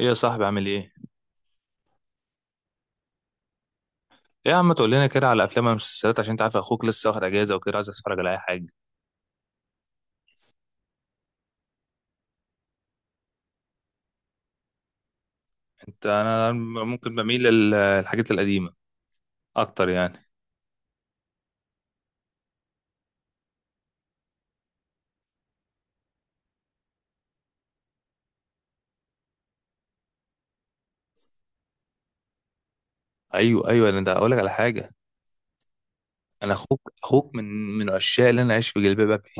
ايه يا صاحبي عامل ايه؟ ايه يا عم، تقول لنا كده على افلام ومسلسلات عشان انت عارف اخوك لسه واخد اجازه وكده عايز اتفرج على اي حاجه. انا ممكن بميل للحاجات القديمه اكتر يعني. ايوه ايوه، انا ده اقول لك على حاجه. انا اخوك من عشاق اللي انا عايش في جلباب ابي.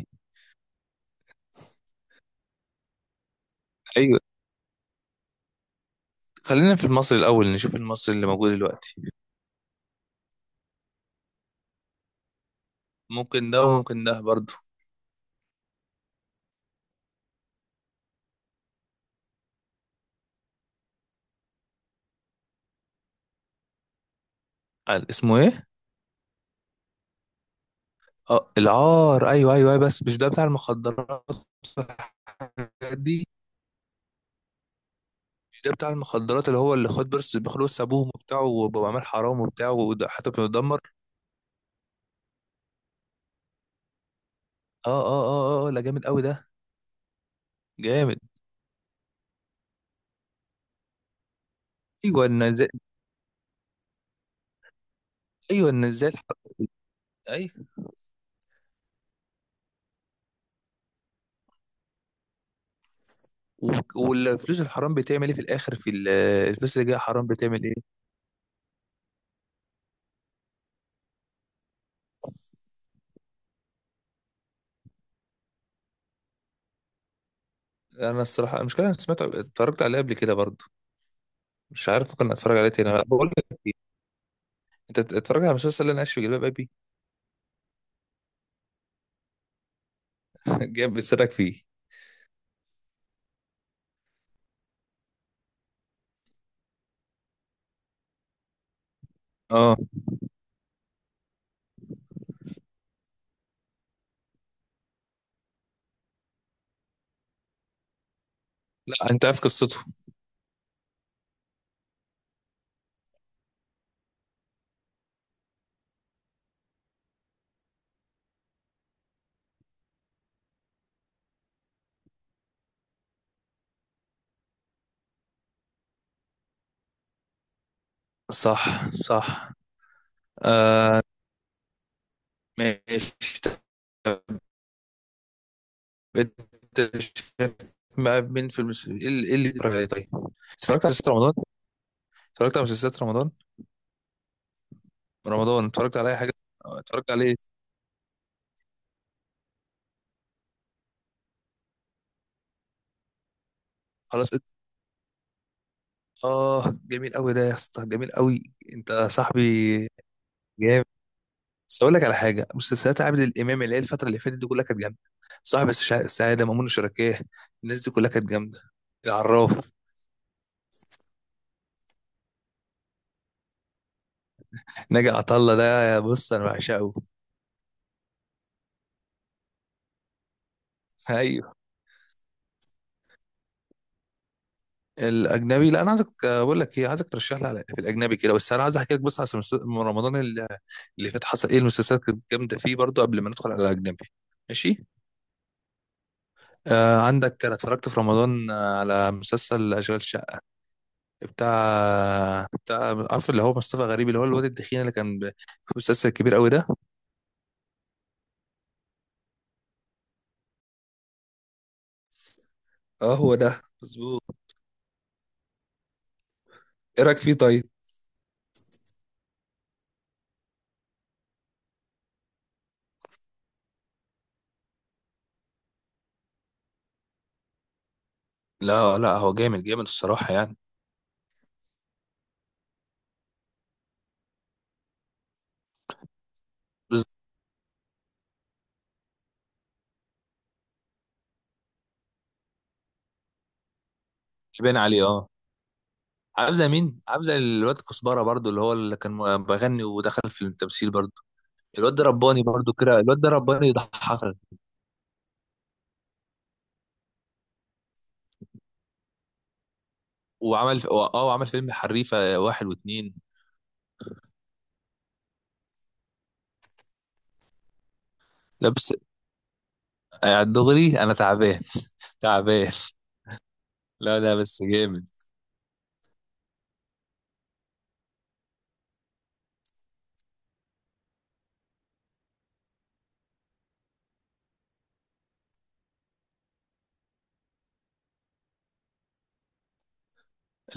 ايوه، خلينا في المصري الاول نشوف المصري اللي موجود دلوقتي. ممكن ده وممكن ده برضه. قال اسمه ايه؟ اه العار، ايوه ايوه أيوة، بس مش ده بتاع المخدرات والحاجات دي. مش ده بتاع المخدرات اللي هو اللي خد بس بياخد بس ابوهم وبتاعه وبعمل حرام وبتاعه وده حتى بيتدمر. اه اه اه اه آه، لا جامد قوي ده. جامد. ايوه ان ازاي ايوه ان ازاي اي. و- والفلوس الحرام بتعمل ايه في الاخر في الفلوس اللي جايه حرام بتعمل ايه؟ انا الصراحه المشكله، انا سمعت اتفرجت عليه قبل كده برضه. مش عارف ممكن اتفرج عليه تاني. لا بقول لك إيه، انت اتفرجت على المسلسل اللي انا عايش في جلباب ابي؟ جامد بتسرك فيه. اه. لا، انت عارف قصته. صح صح، آه، ماشي. انت شايف. مع مين في ايه اللي بيتفرج عليه طيب؟ اتفرجت على مسلسلات رمضان. اتفرجت على مسلسلات رمضان. رمضان اتفرجت على اي حاجه؟ آه، اتفرجت عليه. خلاص ات- اه جميل قوي ده يا اسطى، جميل قوي. انت صاحبي. جامد. بس اقول لك على حاجه، مسلسلات عابد الامام اللي هي الفتره اللي فاتت دي كلها كانت جامده. صاحب السعاده، مأمون الشركاه. الناس دي كلها كانت جامده. العراف. ناجي عطا الله ده بص انا بعشقه. ايوه. الاجنبي، لا انا عايزك بقول لك ايه، عايزك ترشح لي في الاجنبي كده، بس انا عايز احكي لك بس على من رمضان اللي فات حصل ايه. المسلسلات كانت جامده فيه برضو قبل ما ندخل على الاجنبي. ماشي. آه عندك، انا اتفرجت في رمضان على مسلسل اشغال شقه، بتاع عارف اللي هو مصطفى غريب، اللي هو الواد الدخين اللي كان في مسلسل كبير قوي ده. اه هو ده مظبوط. ايه رايك فيه طيب؟ لا لا، هو جامد جامد الصراحه يعني، بس. باين عليه اه. عامل مين، عامل الواد كزبره برضو، اللي هو اللي كان بغني ودخل في التمثيل برضو. الواد ده رباني برضو كده، الواد ده رباني يضحكك. وعمل فيلم حريفه واحد واتنين. لا بس على الدغري انا تعبان. تعبان. لا لا، بس جامد.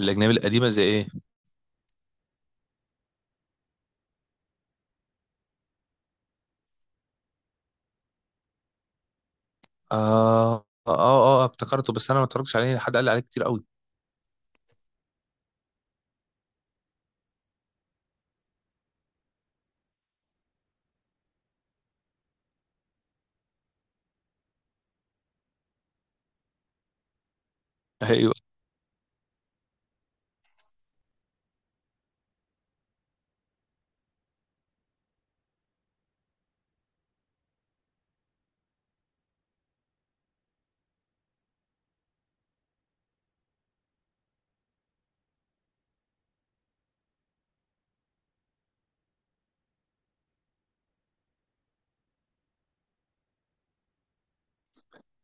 الاجنبي القديمه زي ايه؟ اه اه اه آه، افتكرته بس انا ما اتفرجتش عليه، حد قال لي عليه كتير قوي. ايوه.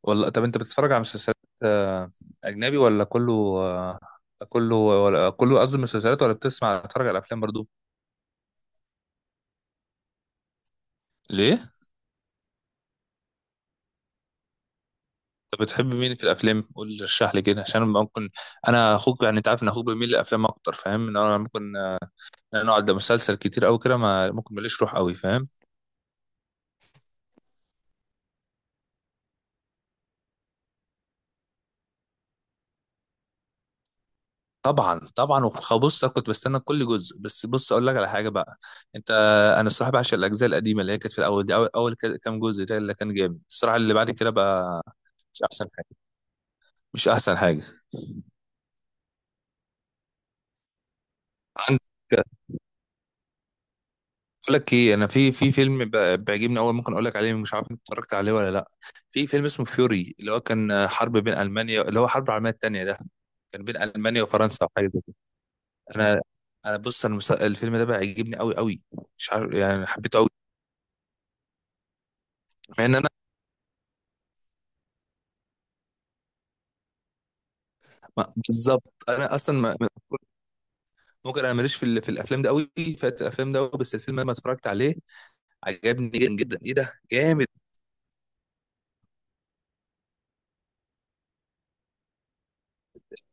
والله، طب انت بتتفرج على مسلسلات آه، اجنبي ولا كله؟ آه، كله ولا كله، قصدي مسلسلات، ولا بتسمع تتفرج على افلام برضو؟ ليه؟ طب بتحب مين في الافلام، قول لي رشح لي كده عشان ممكن. انا اخوك يعني، انت عارف ان اخوك بيميل للافلام اكتر، فاهم ان انا ممكن إن انا اقعد ده مسلسل كتير قوي كده ما ممكن، ماليش روح قوي، فاهم. طبعا طبعا، بص انا كنت بستنى كل جزء. بس بص اقول لك على حاجه بقى. انت انا الصراحه بعشق الاجزاء القديمه اللي هي كانت في الاول دي، كام جزء ده اللي كان جامد الصراحه، اللي بعد كده بقى مش احسن حاجه، مش احسن حاجه. عندك، اقول لك ايه، انا في فيلم بيعجبني قوي، ممكن اقول لك عليه، مش عارف انت اتفرجت عليه ولا لا. في فيلم اسمه فيوري، اللي هو كان حرب بين المانيا، اللي هو حرب العالميه الثانيه ده، كان بين المانيا وفرنسا او حاجه زي كده. انا انا بص، انا الفيلم ده بيعجبني قوي قوي. مش عارف يعني، حبيته قوي. مع ان انا بالظبط، انا اصلا ما ممكن، انا ماليش في في الافلام ده قوي. فات الافلام ده قوي، بس الفيلم ده لما اتفرجت عليه عجبني جدا جدا، ايه ده، جامد.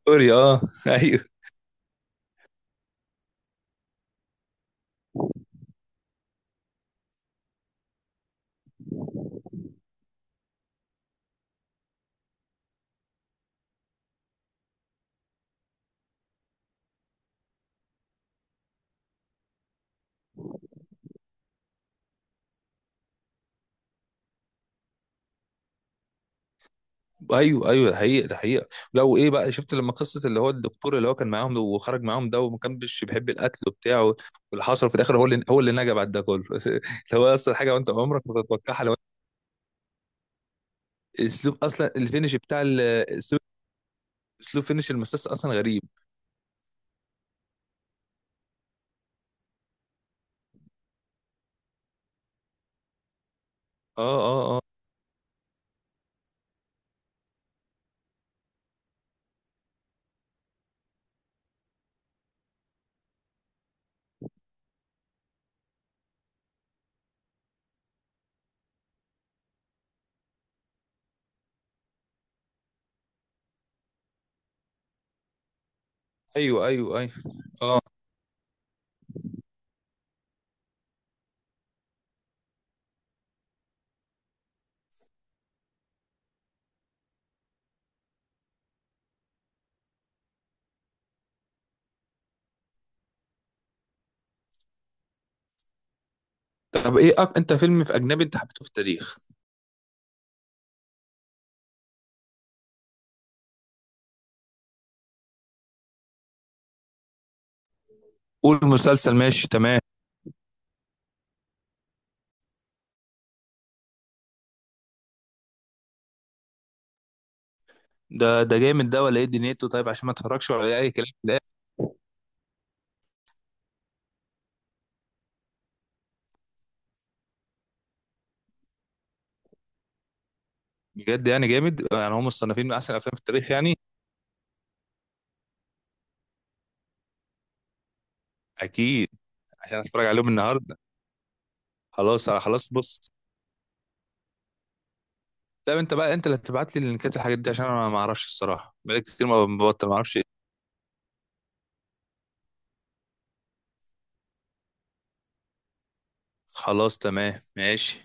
فيوري اه، ايوه ايوه ايوه، ده حقيقه، ده حقيقه. لو ايه بقى، شفت لما قصه اللي هو الدكتور اللي هو كان معاهم ده وخرج معاهم ده وما كانش بيحب القتل وبتاع واللي حصل في الاخر هو اللي نجا بعد ده كله. بس اللي هو اصلا حاجه وانت عمرك ما تتوقعها. لو اسلوب اصلا الفينش بتاع ال- اسلوب اسلوب فينش المسلسل اصلا غريب. اه اه اه، ايوه ايوه ايوه، اه. طب ايه انت فيلم في اجنبي انت حبيته في التاريخ؟ قول مسلسل، ماشي تمام. ده جامد ده ولا ايه دنيته طيب، عشان ما اتفرجش ولا اي كلام في الآخر. بجد يعني، جامد، يعني هم مصنفين من احسن الافلام في التاريخ يعني. اكيد، عشان اتفرج عليهم النهارده. خلاص خلاص، بص. لا انت بقى، انت اللي هتبعت لي اللينكات الحاجات دي، عشان انا ما اعرفش الصراحه، بقالي كتير ما ببطل، ما اعرفش. خلاص تمام، ماشي.